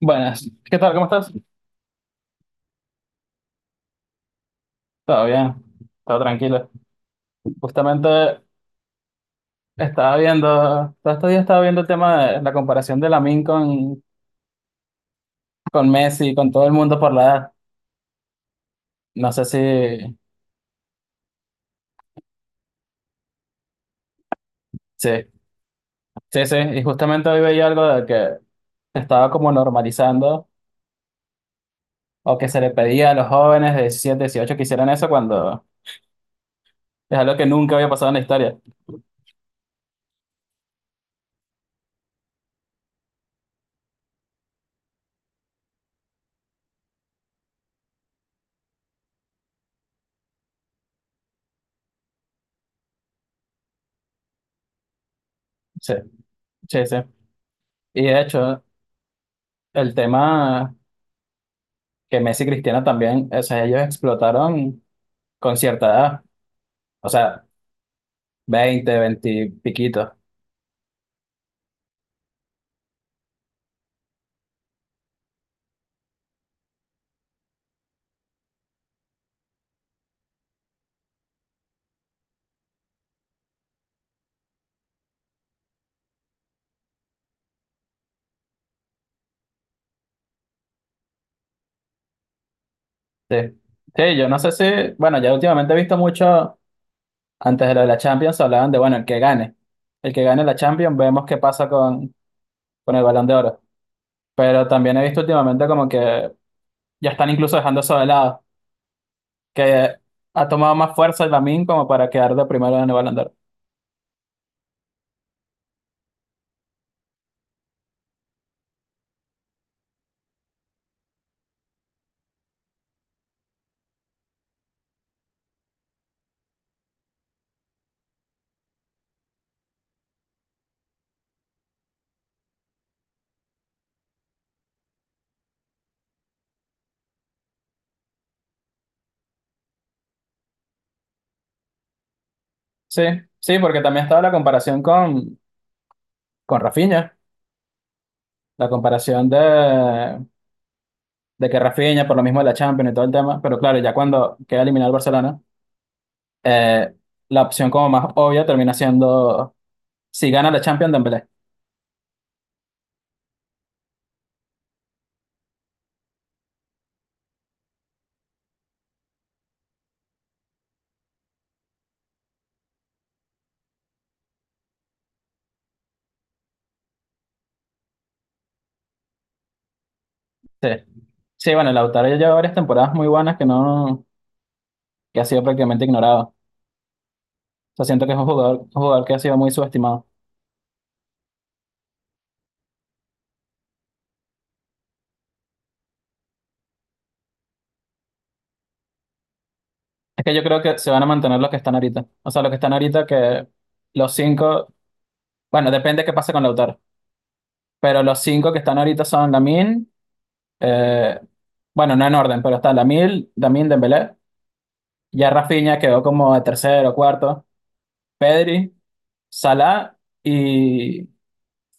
Buenas, ¿qué tal? ¿Cómo estás? Todo bien, todo tranquilo. Justamente estaba viendo, todo este día estaba viendo el tema de la comparación de Lamine con Messi, con todo el mundo por la edad. No sé si, sí, sí, sí. Y justamente hoy veía algo de que estaba como normalizando o que se le pedía a los jóvenes de 17, 18 que hicieran eso cuando es algo que nunca había pasado en la historia. Sí, sí, sí. Y de hecho, el tema que Messi y Cristiano también, o sea, ellos explotaron con cierta edad. O sea, 20 20 piquitos. Sí. Sí, yo no sé si, bueno, ya últimamente he visto mucho, antes de lo de la Champions hablaban de, bueno, el que gane. El que gane la Champions, vemos qué pasa con, el Balón de Oro. Pero también he visto últimamente como que ya están incluso dejando eso de lado, que ha tomado más fuerza el Lamine como para quedar de primero en el Balón de Oro. Sí, sí, porque también estaba la comparación con Rafinha, la comparación de que Rafinha, por lo mismo de la Champions y todo el tema, pero claro, ya cuando queda eliminado el Barcelona eh, la opción como más obvia termina siendo si gana la Champions Dembélé. Sí. Sí, bueno, Lautaro ya lleva varias temporadas muy buenas que no, que ha sido prácticamente ignorado. O sea, siento que es un jugador que ha sido muy subestimado. Es que yo creo que se van a mantener los que están ahorita. O sea, los que están ahorita que los cinco, bueno, depende qué pase con Lautaro, pero los cinco que están ahorita son Lamine, eh, bueno, no en orden, pero está Lamine Dembélé, ya Rafinha quedó como de tercero, o cuarto, Pedri, Salah y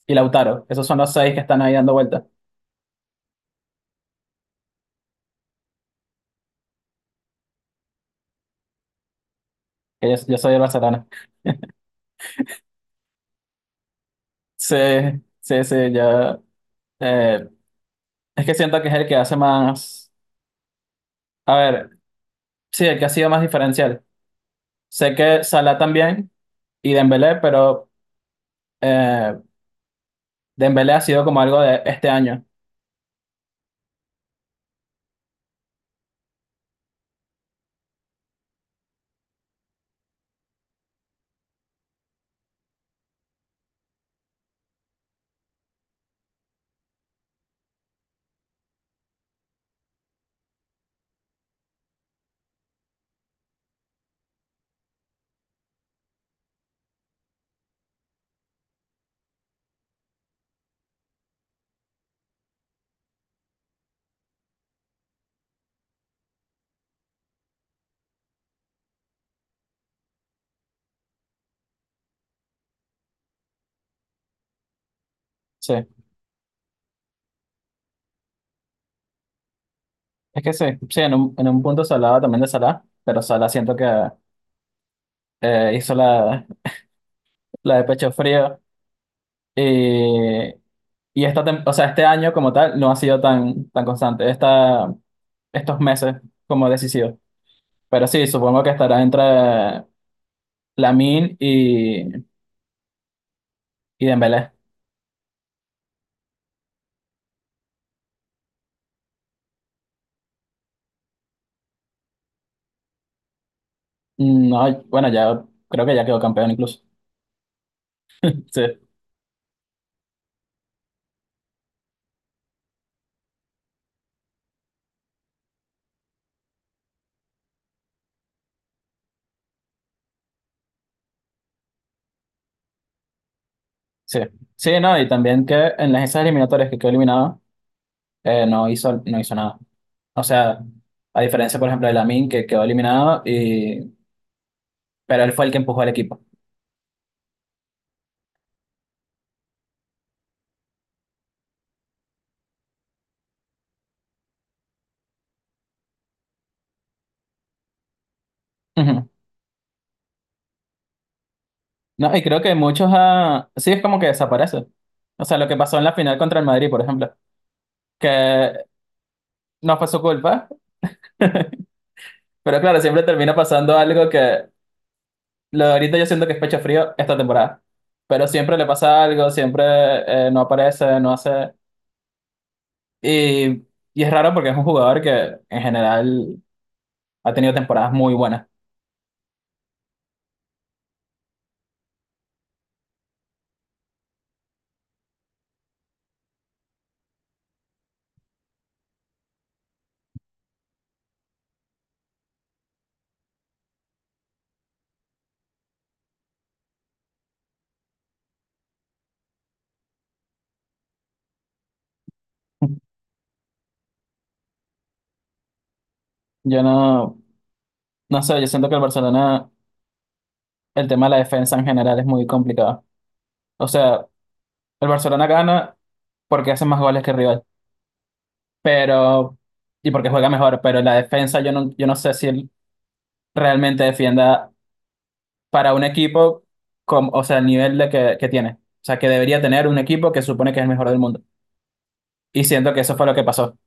y Lautaro. Esos son los seis que están ahí dando vueltas. Que yo soy el Barcelona. Sí, sí, sí, yo. eh, es que siento que es el que hace más. A ver, sí, el que ha sido más diferencial. Sé que Salah también y Dembélé, pero eh, Dembélé ha sido como algo de este año. Sí, es que sí, sí, en un punto se hablaba también de Salah, pero Salah siento que hizo la de pecho frío y. Y o sea, este año como tal no ha sido tan constante. Estos meses como decisivo. Pero sí, supongo que estará entre Lamine y Dembélé. No, bueno, ya creo que ya quedó campeón incluso. Sí, sí. Sí, no, y también que en las esas eliminatorias que quedó eliminado, no hizo nada. O sea, a diferencia, por ejemplo, de Lamine, que quedó eliminado, pero él fue el que empujó al equipo. Ujú. No, y creo que muchos, ah, sí, es como que desaparece. O sea, lo que pasó en la final contra el Madrid, por ejemplo, que no fue su culpa. Pero claro, siempre termina pasando algo que lo de ahorita yo siento que es pecho frío esta temporada. Pero siempre le pasa algo, siempre no aparece, no hace. Y, y es raro porque es un jugador que en general ha tenido temporadas muy buenas. Yo no sé, yo siento que el Barcelona, el tema de la defensa en general es muy complicado. O sea, el Barcelona gana porque hace más goles que el rival, pero, y porque juega mejor, pero la defensa yo no sé si él realmente defienda para un equipo, o sea, el nivel de que tiene. O sea, que debería tener un equipo que supone que es el mejor del mundo. Y siento que eso fue lo que pasó.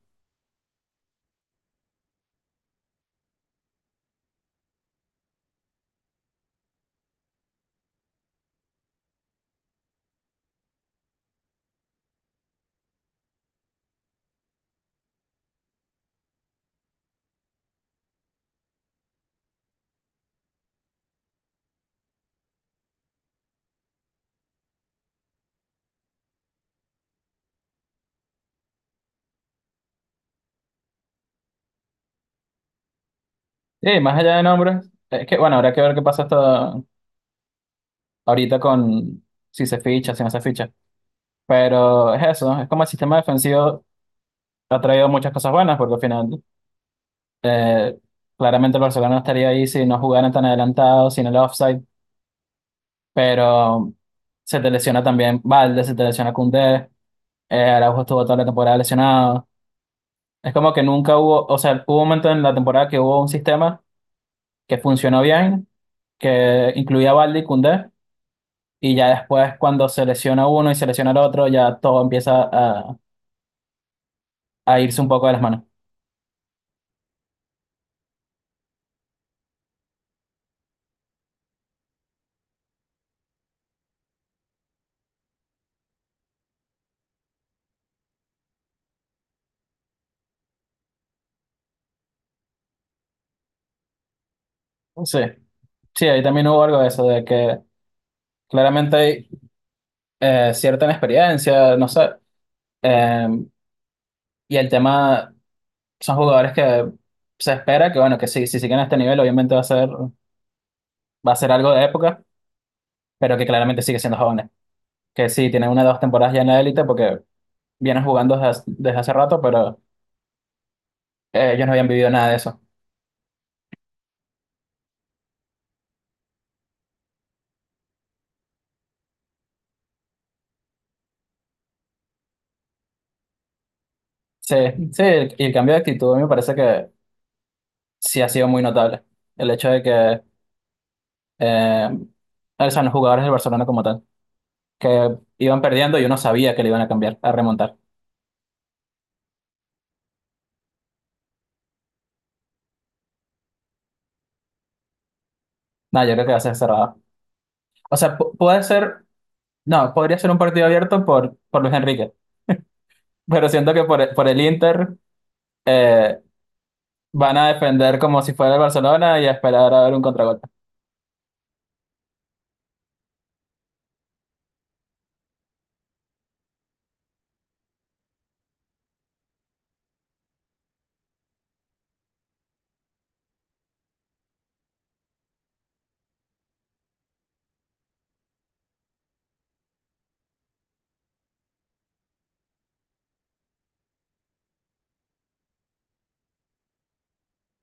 Y más allá de nombres, es que, bueno, habrá que ver qué pasa hasta ahorita con si se ficha, si no se ficha. Pero es eso, es como el sistema defensivo ha traído muchas cosas buenas, porque al final, eh, claramente el Barcelona no estaría ahí si no jugaran tan adelantados, sin el offside, pero se te lesiona también Valde, se te lesiona Koundé, Araujo estuvo toda la temporada lesionado. Es como que nunca hubo, o sea, hubo un momento en la temporada que hubo un sistema que funcionó bien, que incluía a Baldi y Koundé, y ya después cuando se lesiona uno y se lesiona el otro, ya todo empieza a irse un poco de las manos. Sí, sí, ahí también hubo algo de eso, de que claramente hay cierta inexperiencia, no sé, eh, y el tema son jugadores que se espera que, bueno, que sí, si siguen a este nivel, obviamente va a ser algo de época, pero que claramente sigue siendo jóvenes, que sí, tienen una o dos temporadas ya en la élite porque vienen jugando hace desde hace rato, pero ellos no habían vivido nada de eso. Sí, sí, el cambio de actitud a mí me parece que sí ha sido muy notable. El hecho de que eh, son los jugadores del Barcelona como tal, que iban perdiendo y uno sabía que le iban a cambiar, a remontar. No, yo creo que va a ser cerrado. O sea, puede ser, no, podría ser un partido abierto por, Luis Enrique, pero siento que por el Inter eh, van a defender como si fuera el Barcelona y a esperar a ver un contragolpe.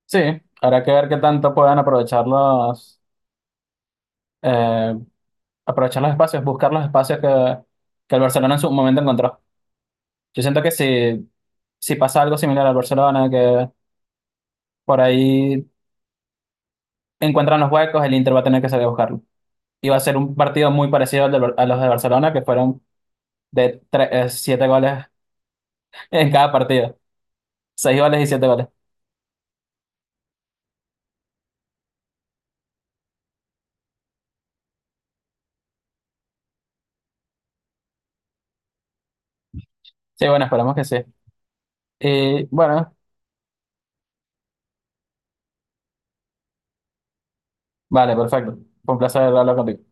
Sí, habrá que ver qué tanto puedan aprovechar eh, aprovechar los espacios, buscar los espacios que el Barcelona en su momento encontró. Yo siento que si pasa algo similar al Barcelona, que por ahí encuentran los huecos, el Inter va a tener que salir a buscarlo. Y va a ser un partido muy parecido al de a los de Barcelona, que fueron de 7 goles en cada partido. Seis goles y 7 goles. Sí, bueno, esperamos que sí. Y bueno, vale, perfecto. Fue un placer hablar contigo.